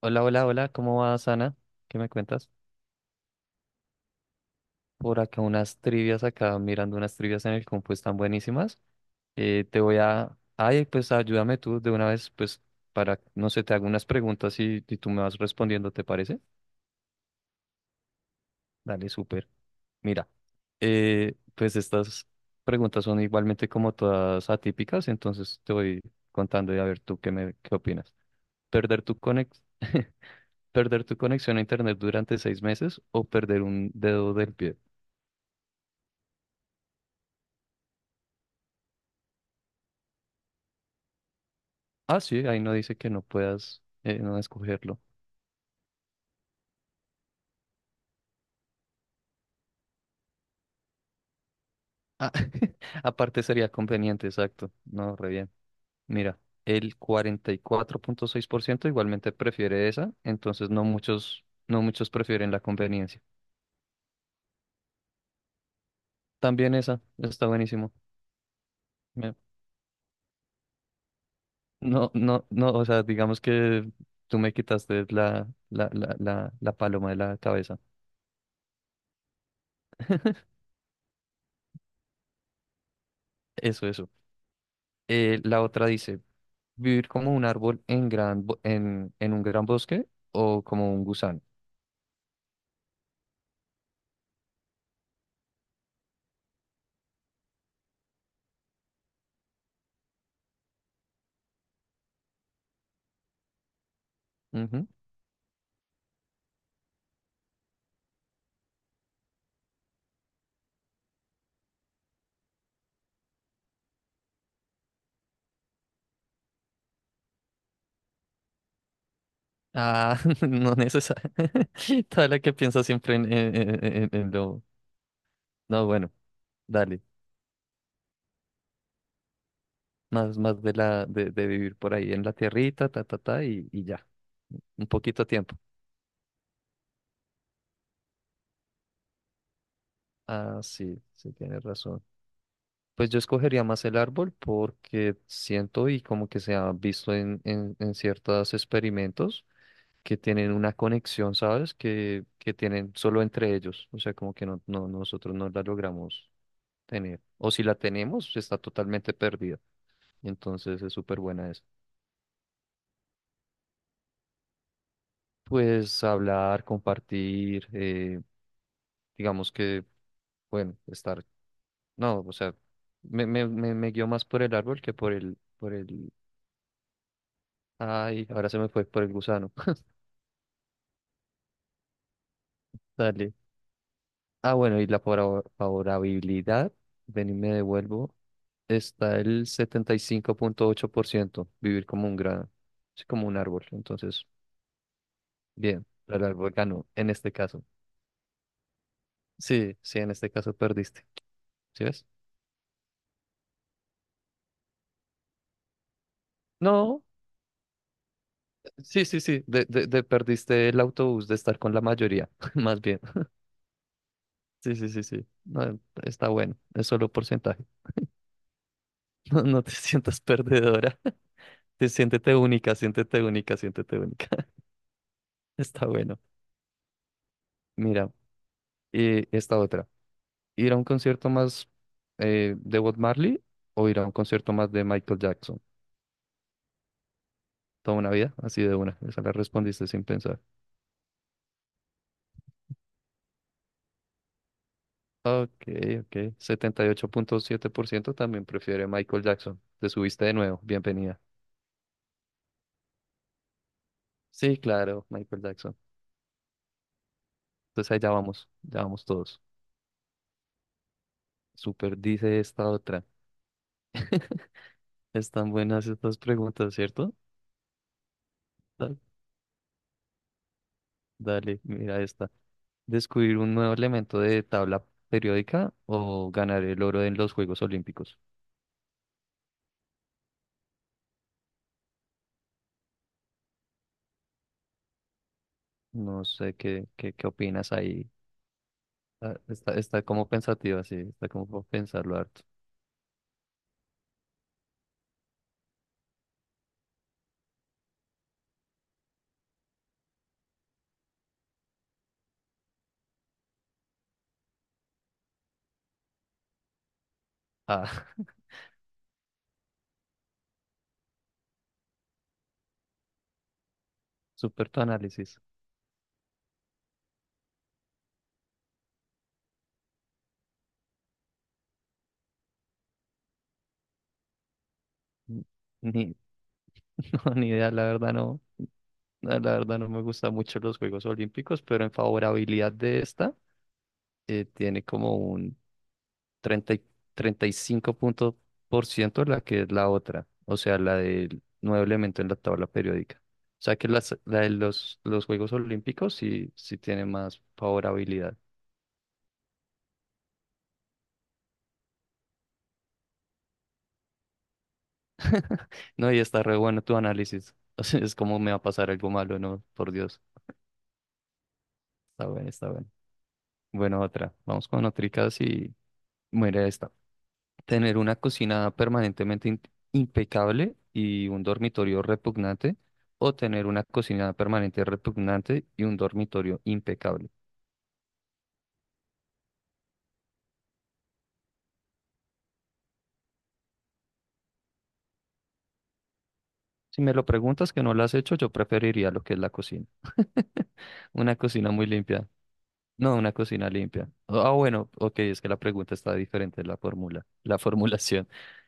Hola, hola, hola, ¿cómo vas, Ana? ¿Qué me cuentas? Por acá unas trivias, acá mirando unas trivias en el compu, están buenísimas. Ay, pues ayúdame tú de una vez, pues para, no sé, te hago unas preguntas y tú me vas respondiendo, ¿te parece? Dale, súper. Mira, pues estas preguntas son igualmente como todas atípicas, entonces te voy contando y a ver tú qué opinas. ¿Perder tu conex... ¿Perder tu conexión a internet durante 6 meses o perder un dedo del pie? Ah, sí, ahí no dice que no puedas no escogerlo. Ah, aparte sería conveniente, exacto. No, re bien. Mira, el 44.6% igualmente prefiere esa, entonces no muchos prefieren la conveniencia. También esa, está buenísimo. Me- No, no, no, o sea, digamos que tú me quitaste la paloma de la cabeza. Eso, eso. La otra dice, vivir como un árbol en un gran bosque o como un gusano. Ujú. Ah, no necesario. Toda la que piensa siempre en lo. No, bueno, dale. Más de la de vivir por ahí en la tierrita, ta, ta, ta, y ya. Un poquito de tiempo. Ah, sí, sí, tienes razón. Pues yo escogería más el árbol porque siento y como que se ha visto en ciertos experimentos que tienen una conexión, ¿sabes? Que tienen solo entre ellos. O sea, como que no, nosotros no la logramos tener. O si la tenemos, pues, está totalmente perdida. Entonces es súper buena esa. Pues hablar, compartir, digamos que, bueno, estar. No, o sea, me guío más por el árbol que por el. Ay, ahora se me fue por el gusano. Dale. Ah, bueno, y la favorabilidad, ven y me devuelvo, está el 75.8% vivir como un grano, así como un árbol. Entonces, bien, el árbol ganó en este caso. Sí, sí, en este caso perdiste. ¿Sí ves? No, sí, sí, sí, de perdiste el autobús de estar con la mayoría, más bien. Sí, sí, sí, sí. No, está bueno, es solo porcentaje. No, no te sientas perdedora. Te siéntete única, siéntete única, siéntete única. Está bueno. Mira, y esta otra. ¿Ir a un concierto más de Bob Marley o ir a un concierto más de Michael Jackson? Toda una vida, así de una. Esa la respondiste sin pensar. Ok, ok. 78.7% también prefiere Michael Jackson. Te subiste de nuevo. Bienvenida. Sí, claro, Michael Jackson. Entonces ahí ya vamos todos. Super dice esta otra. Están buenas estas preguntas, ¿cierto? Da- Dale, mira esta. ¿Descubrir un nuevo elemento de tabla periódica o ganar el oro en los Juegos Olímpicos? No sé qué opinas ahí. Ah, está como pensativa, sí, está como por pensarlo harto. Ah, super tu análisis. Ni, no, ni idea, la verdad no, la verdad no me gustan mucho los Juegos Olímpicos, pero en favorabilidad de esta tiene como un 30 y 35 puntos por ciento la que es la otra, o sea, la del nuevo elemento en la tabla periódica. O sea que la de los Juegos Olímpicos sí, sí tiene más favorabilidad. No, y está re bueno tu análisis. O sea, es como me va a pasar algo malo, no, por Dios. Está bueno, está bueno. Bueno, otra. Vamos con otricas y muere esta. Tener una cocina permanentemente impecable y un dormitorio repugnante, o tener una cocina permanente repugnante y un dormitorio impecable. Si me lo preguntas que no lo has hecho, yo preferiría lo que es la cocina. Una cocina muy limpia. No, una cocina limpia. Ah, bueno, ok, es que la pregunta está diferente, la formulación.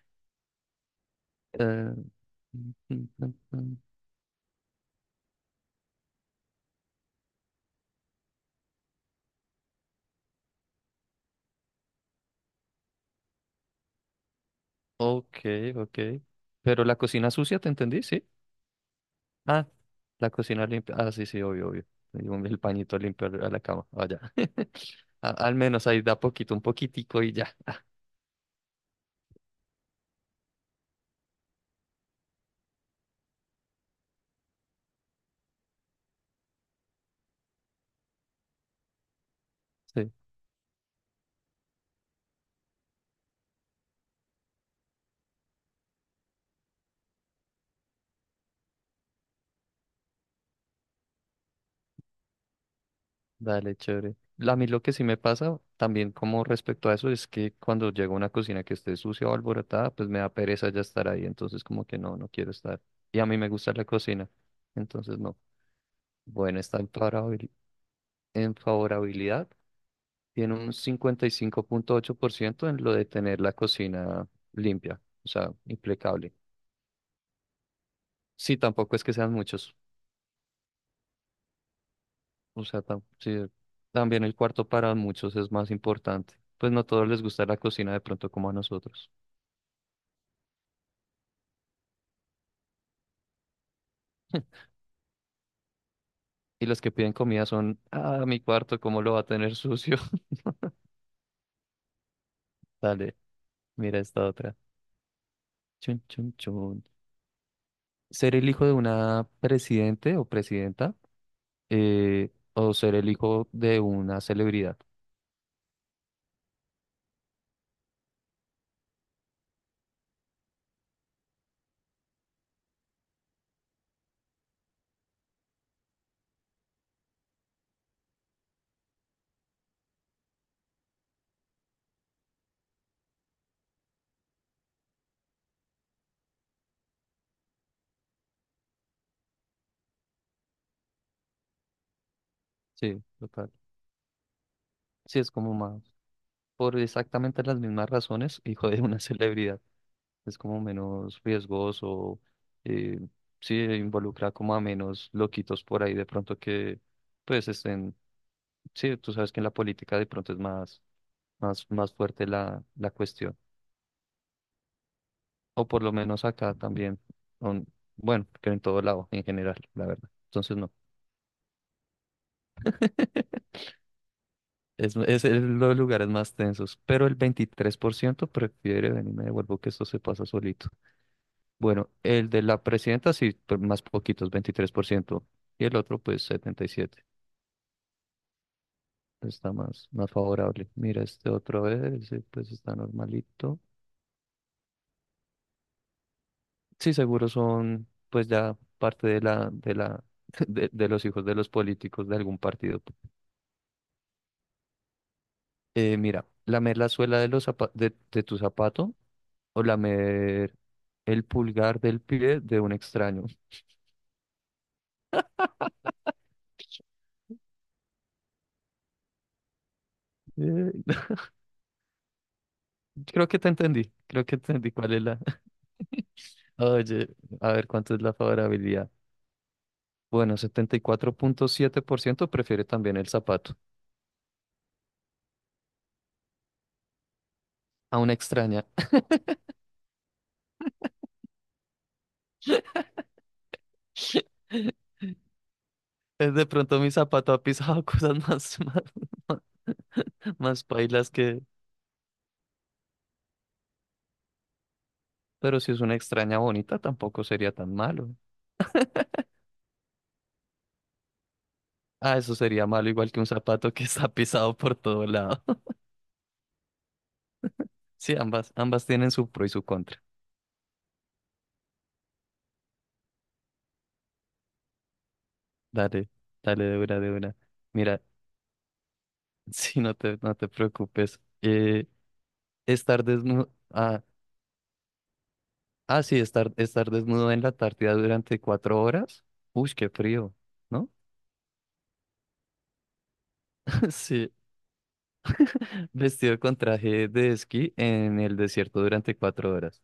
Eh, mm, mm, mm, mm. Ok, ok. Pero la cocina sucia, ¿te entendí? Sí. Ah, la cocina limpia. Ah, sí, sí, obvio, obvio. El pañito limpio a la cama. Vaya. Al menos ahí da poquito, un poquitico y ya. Sí, dale, chévere. A mí lo que sí me pasa también como respecto a eso es que cuando llego a una cocina que esté sucia o alborotada, pues me da pereza ya estar ahí. Entonces como que no, no quiero estar. Y a mí me gusta la cocina. Entonces no. Bueno, está en favorabilidad. Tiene un 55.8% en lo de tener la cocina limpia, o sea, impecable. Sí, tampoco es que sean muchos, o sea, sí, también el cuarto para muchos es más importante. Pues no todos les gusta la cocina de pronto como a nosotros. Y los que piden comida son, ah, mi cuarto, ¿cómo lo va a tener sucio? Dale, mira esta otra. Chun, chun, chun. Ser el hijo de una presidente o presidenta o ser el hijo de una celebridad. Sí, total. Sí, es como más, por exactamente las mismas razones, hijo de una celebridad. Es como menos riesgoso, eh, sí, involucra como a menos loquitos por ahí de pronto que, pues, estén, sí, tú sabes que en la política de pronto es más fuerte la cuestión. O por lo menos acá también, aun- bueno, que en todo lado, en general, la verdad. Entonces, no, los lugares más tensos, pero el 23% prefiere venirme de Vuelvo que esto se pasa solito. Bueno, el de la presidenta sí, pero más poquitos, 23%. Y el otro, pues 77. Está más favorable. Mira, este otro es, pues está normalito. Sí, seguro son, pues ya parte de la, de los hijos de los políticos de algún partido. Mira, lamer la suela de los de tu zapato o lamer el pulgar del pie de un extraño. Eh, creo que te entendí. Creo que entendí cuál es la. Oye, a ver, ¿cuánto es la favorabilidad? Bueno, 74.7% prefiere también el zapato. A una extraña. Es de pronto mi zapato ha pisado cosas más, más más pailas que... Pero si es una extraña bonita, tampoco sería tan malo. Ah, eso sería malo, igual que un zapato que está pisado por todo lado. Sí, ambas tienen su pro y su contra. Dale, dale de una, de una. Mira, sí, no te preocupes. Estar desnudo... ah, Ah, sí, estar desnudo en la Antártida durante 4 horas. Uy, qué frío, ¿no? Sí, vestido con traje de esquí en el desierto durante 4 horas.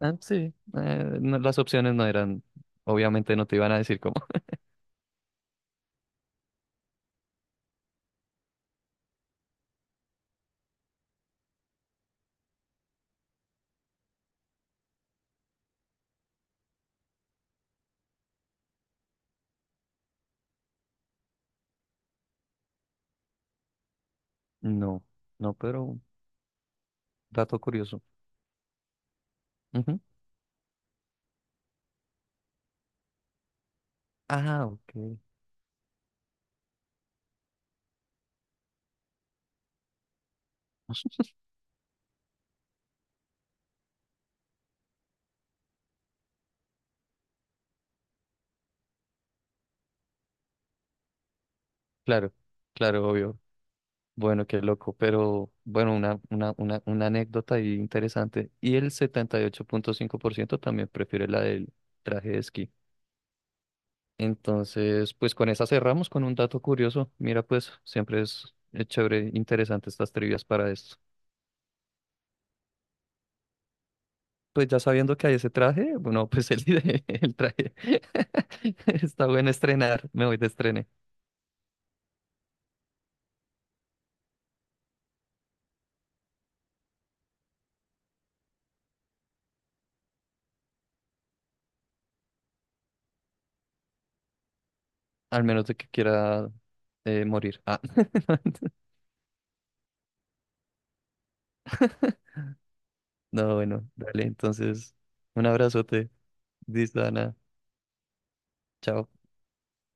Ah, sí, las opciones no eran, obviamente no te iban a decir cómo. No, no, pero dato curioso. Ujú. Ah, ok. Claro, claro, obvio. Bueno, qué loco, pero bueno, una anécdota ahí interesante. Y el 78.5% también prefiere la del traje de esquí. Entonces, pues con esa cerramos con un dato curioso. Mira, pues siempre es chévere, interesante estas trivias para esto. Pues ya sabiendo que hay ese traje, bueno, pues el traje está bueno estrenar, me voy de estrene, al menos de que quiera morir. Ah. No, bueno, dale, entonces, un abrazote, Diz Dana, chao.